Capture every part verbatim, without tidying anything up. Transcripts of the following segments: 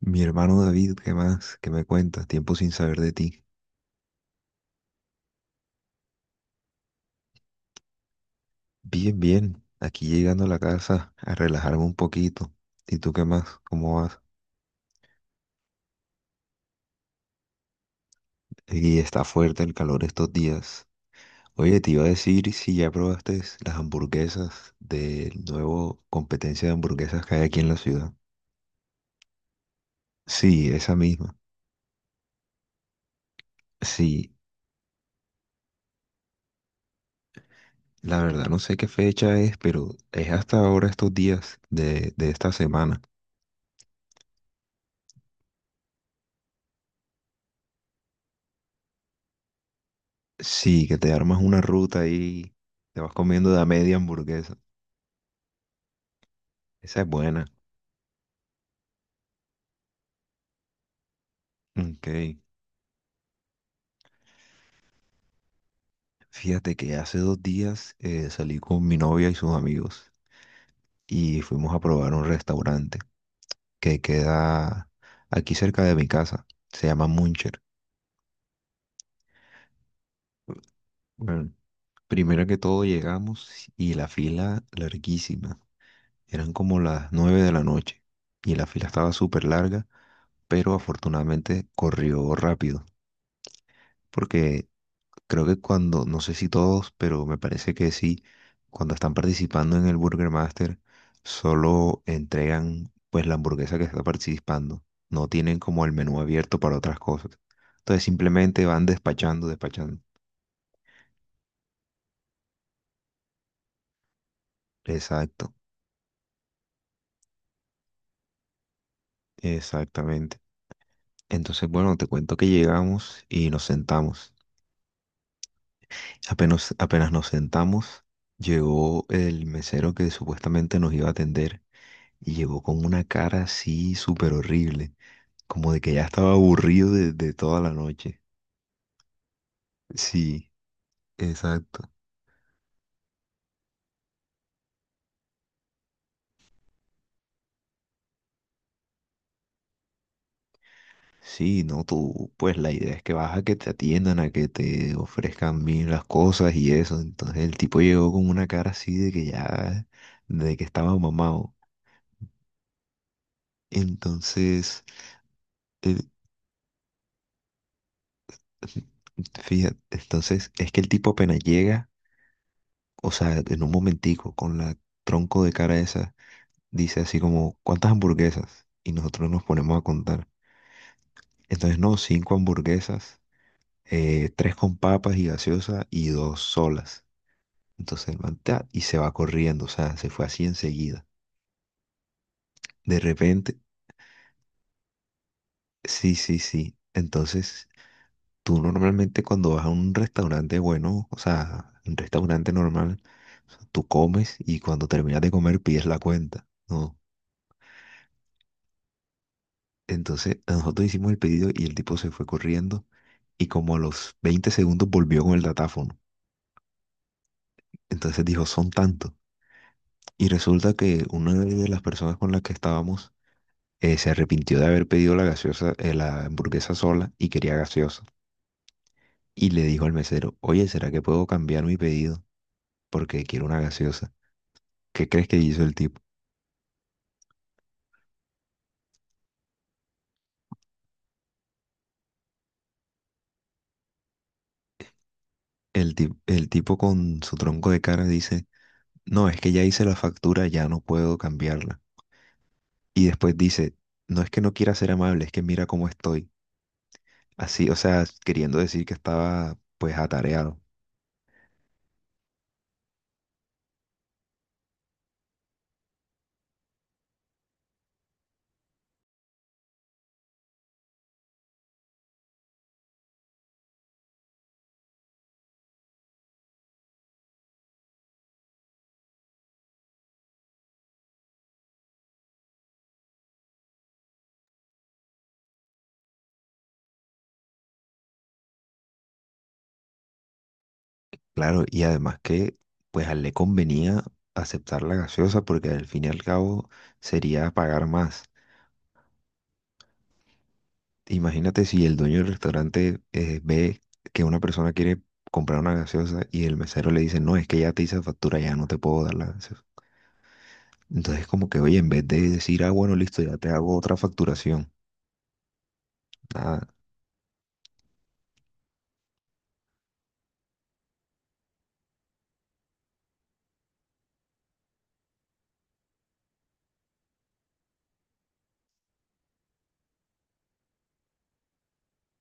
Mi hermano David, ¿qué más? ¿Qué me cuentas? Tiempo sin saber de ti. Bien, bien. Aquí llegando a la casa a relajarme un poquito. ¿Y tú qué más? ¿Cómo vas? Y está fuerte el calor estos días. Oye, te iba a decir si ya probaste las hamburguesas del nuevo competencia de hamburguesas que hay aquí en la ciudad. Sí, esa misma. Sí, la verdad no sé qué fecha es, pero es hasta ahora estos días de, de esta semana. Sí, que te armas una ruta y te vas comiendo de a media hamburguesa. Esa es buena. Ok. Fíjate que hace dos días eh, salí con mi novia y sus amigos y fuimos a probar un restaurante que queda aquí cerca de mi casa. Se llama Muncher. Bueno, primero que todo llegamos y la fila larguísima. Eran como las nueve de la noche y la fila estaba súper larga, pero afortunadamente corrió rápido porque creo que cuando, no sé si todos, pero me parece que sí, cuando están participando en el Burger Master, solo entregan pues la hamburguesa que está participando. No tienen como el menú abierto para otras cosas. Entonces simplemente van despachando, despachando. Exacto, exactamente. Entonces, bueno, te cuento que llegamos y nos sentamos. Apenas, apenas nos sentamos, llegó el mesero que supuestamente nos iba a atender y llegó con una cara así súper horrible. Como de que ya estaba aburrido de, de toda la noche. Sí, exacto. Sí, no, tú, pues la idea es que vas a que te atiendan, a que te ofrezcan bien las cosas y eso. Entonces el tipo llegó con una cara así de que ya, de que estaba mamado. Entonces, el- fíjate, entonces es que el tipo apenas llega, o sea, en un momentico, con la tronco de cara esa, dice así como, ¿cuántas hamburguesas? Y nosotros nos ponemos a contar. Entonces, no, cinco hamburguesas. eh, tres con papas y gaseosa y dos solas. Entonces el man ta, y se va corriendo, o sea, se fue así enseguida. De repente, sí, sí, sí. Entonces, tú normalmente cuando vas a un restaurante bueno, o sea, un restaurante normal, tú comes y cuando terminas de comer pides la cuenta, ¿no? Entonces, nosotros hicimos el pedido y el tipo se fue corriendo y como a los veinte segundos volvió con el datáfono. Entonces dijo, son tantos. Y resulta que una de las personas con las que estábamos eh, se arrepintió de haber pedido la gaseosa, eh, la hamburguesa sola y quería gaseosa. Y le dijo al mesero, oye, ¿será que puedo cambiar mi pedido? Porque quiero una gaseosa. ¿Qué crees que hizo el tipo? El tip- el tipo con su tronco de cara dice, no, es que ya hice la factura, ya no puedo cambiarla. Y después dice, no es que no quiera ser amable, es que mira cómo estoy. Así, o sea, queriendo decir que estaba pues atareado. Claro, y además que pues a él le convenía aceptar la gaseosa porque al fin y al cabo sería pagar más. Imagínate si el dueño del restaurante eh, ve que una persona quiere comprar una gaseosa y el mesero le dice, no, es que ya te hice factura, ya no te puedo dar la gaseosa. Entonces como que, oye, en vez de decir, ah, bueno, listo, ya te hago otra facturación. Nada,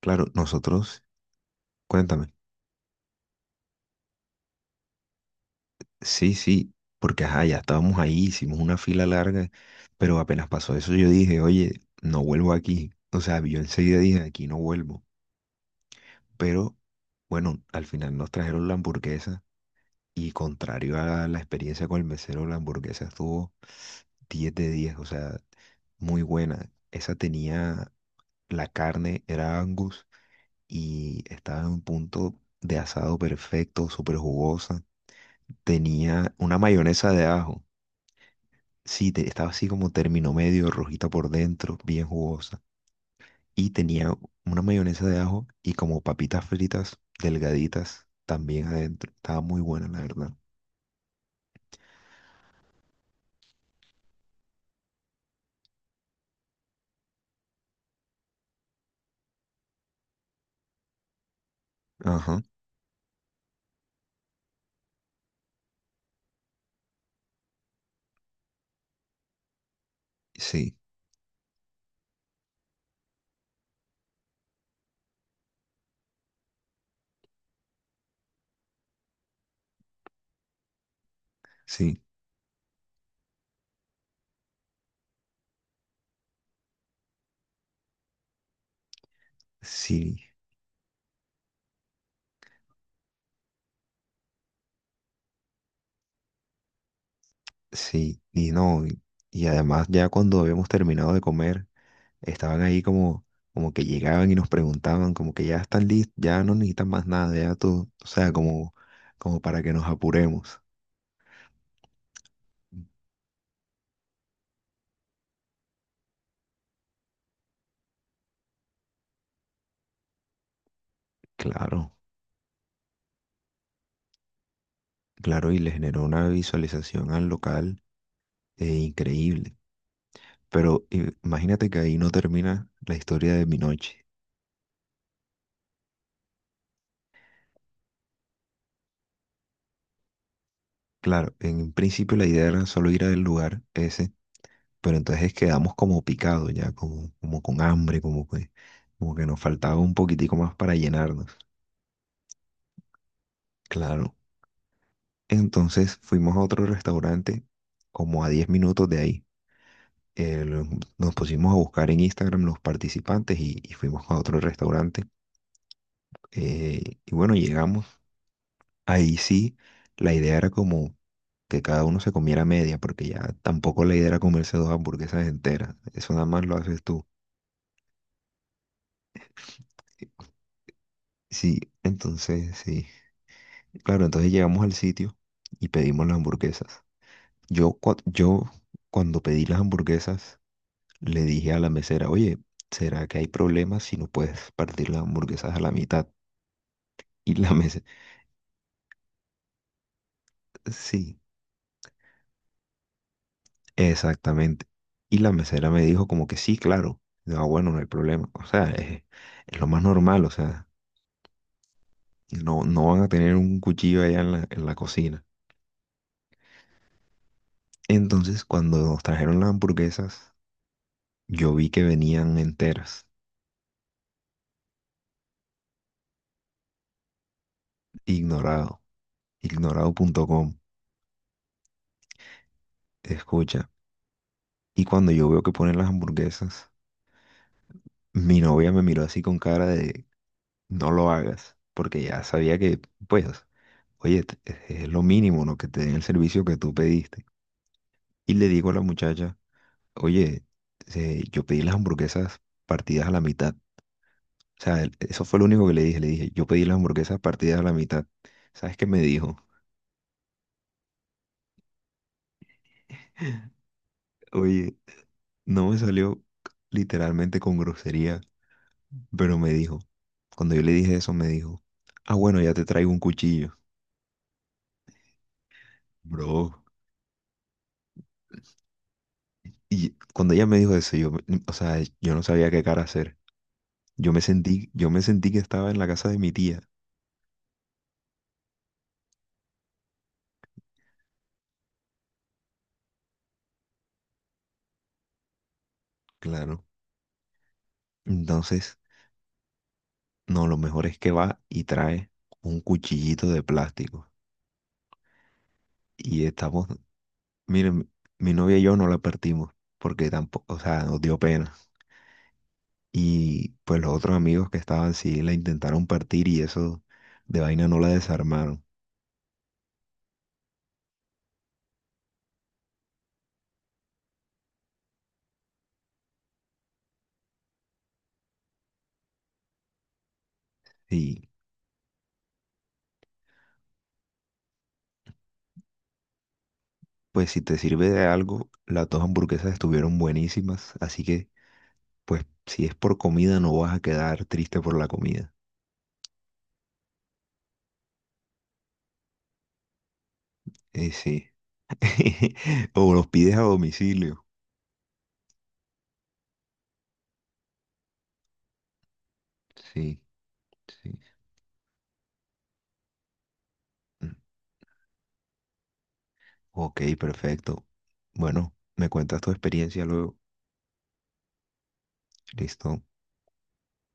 claro, nosotros, cuéntame. Sí, sí, porque ajá, ya estábamos ahí, hicimos una fila larga, pero apenas pasó eso yo dije, oye, no vuelvo aquí. O sea, yo enseguida dije, aquí no vuelvo. Pero bueno, al final nos trajeron la hamburguesa y contrario a la experiencia con el mesero, la hamburguesa estuvo diez de diez, o sea, muy buena. Esa tenía, la carne era Angus y estaba en un punto de asado perfecto, súper jugosa. Tenía una mayonesa de ajo. Sí, te- estaba así como término medio, rojita por dentro, bien jugosa. Y tenía una mayonesa de ajo y como papitas fritas delgaditas también adentro. Estaba muy buena, la verdad. Ajá, sí, sí, sí, sí. Y no, y, y además ya cuando habíamos terminado de comer, estaban ahí como, como que llegaban y nos preguntaban, como que ya están listos, ya no necesitan más nada, ya todo, o sea, como, como para que nos apuremos. Claro. Claro, y le generó una visualización al local eh, increíble. Pero eh, imagínate que ahí no termina la historia de mi noche. Claro, en un principio la idea era solo ir al lugar ese, pero entonces quedamos como picados ya, como, como con hambre, como que, como que nos faltaba un poquitico más para llenarnos. Claro. Entonces fuimos a otro restaurante como a diez minutos de ahí. Eh, lo- Nos pusimos a buscar en Instagram los participantes y, y fuimos a otro restaurante. Eh, y bueno, llegamos. Ahí sí, la idea era como que cada uno se comiera media, porque ya tampoco la idea era comerse dos hamburguesas enteras. Eso nada más lo haces tú. Sí, entonces sí. Claro, entonces llegamos al sitio y pedimos las hamburguesas. Yo, cua- yo cuando pedí las hamburguesas le dije a la mesera, oye, ¿será que hay problemas si no puedes partir las hamburguesas a la mitad? Y la mesera, sí. Exactamente. Y la mesera me dijo como que sí, claro. Digo, "Ah, bueno, no hay problema. O sea, es, es lo más normal". O sea, no, no van a tener un cuchillo allá en la, en la cocina. Entonces, cuando nos trajeron las hamburguesas, yo vi que venían enteras. Ignorado. Ignorado punto com. Escucha. Y cuando yo veo que ponen las hamburguesas, mi novia me miró así con cara de no lo hagas. Porque ya sabía que, pues, oye, te- es es lo mínimo, ¿no? Que te den el servicio que tú pediste. Y le digo a la muchacha, oye, eh, yo pedí las hamburguesas partidas a la mitad. O sea, el- eso fue lo único que le dije. Le dije, yo pedí las hamburguesas partidas a la mitad. ¿Sabes qué me dijo? Oye, no me salió literalmente con grosería, pero me dijo, cuando yo le dije eso, me dijo, ah, bueno, ya te traigo un cuchillo, bro. Y cuando ella me dijo eso, yo, me- o sea, yo no sabía qué cara hacer. Yo me sentí, yo me sentí que estaba en la casa de mi tía, claro. Entonces... No, lo mejor es que va y trae un cuchillito de plástico. Y estamos, miren, mi novia y yo no la partimos porque tampoco, o sea, nos dio pena. Y pues los otros amigos que estaban sí la intentaron partir y eso de vaina no la desarmaron. Y pues si te sirve de algo, las dos hamburguesas estuvieron buenísimas. Así que pues si es por comida no vas a quedar triste por la comida. Eh, sí. O los pides a domicilio. Sí, sí. Ok, perfecto. Bueno, me cuentas tu experiencia luego. Listo.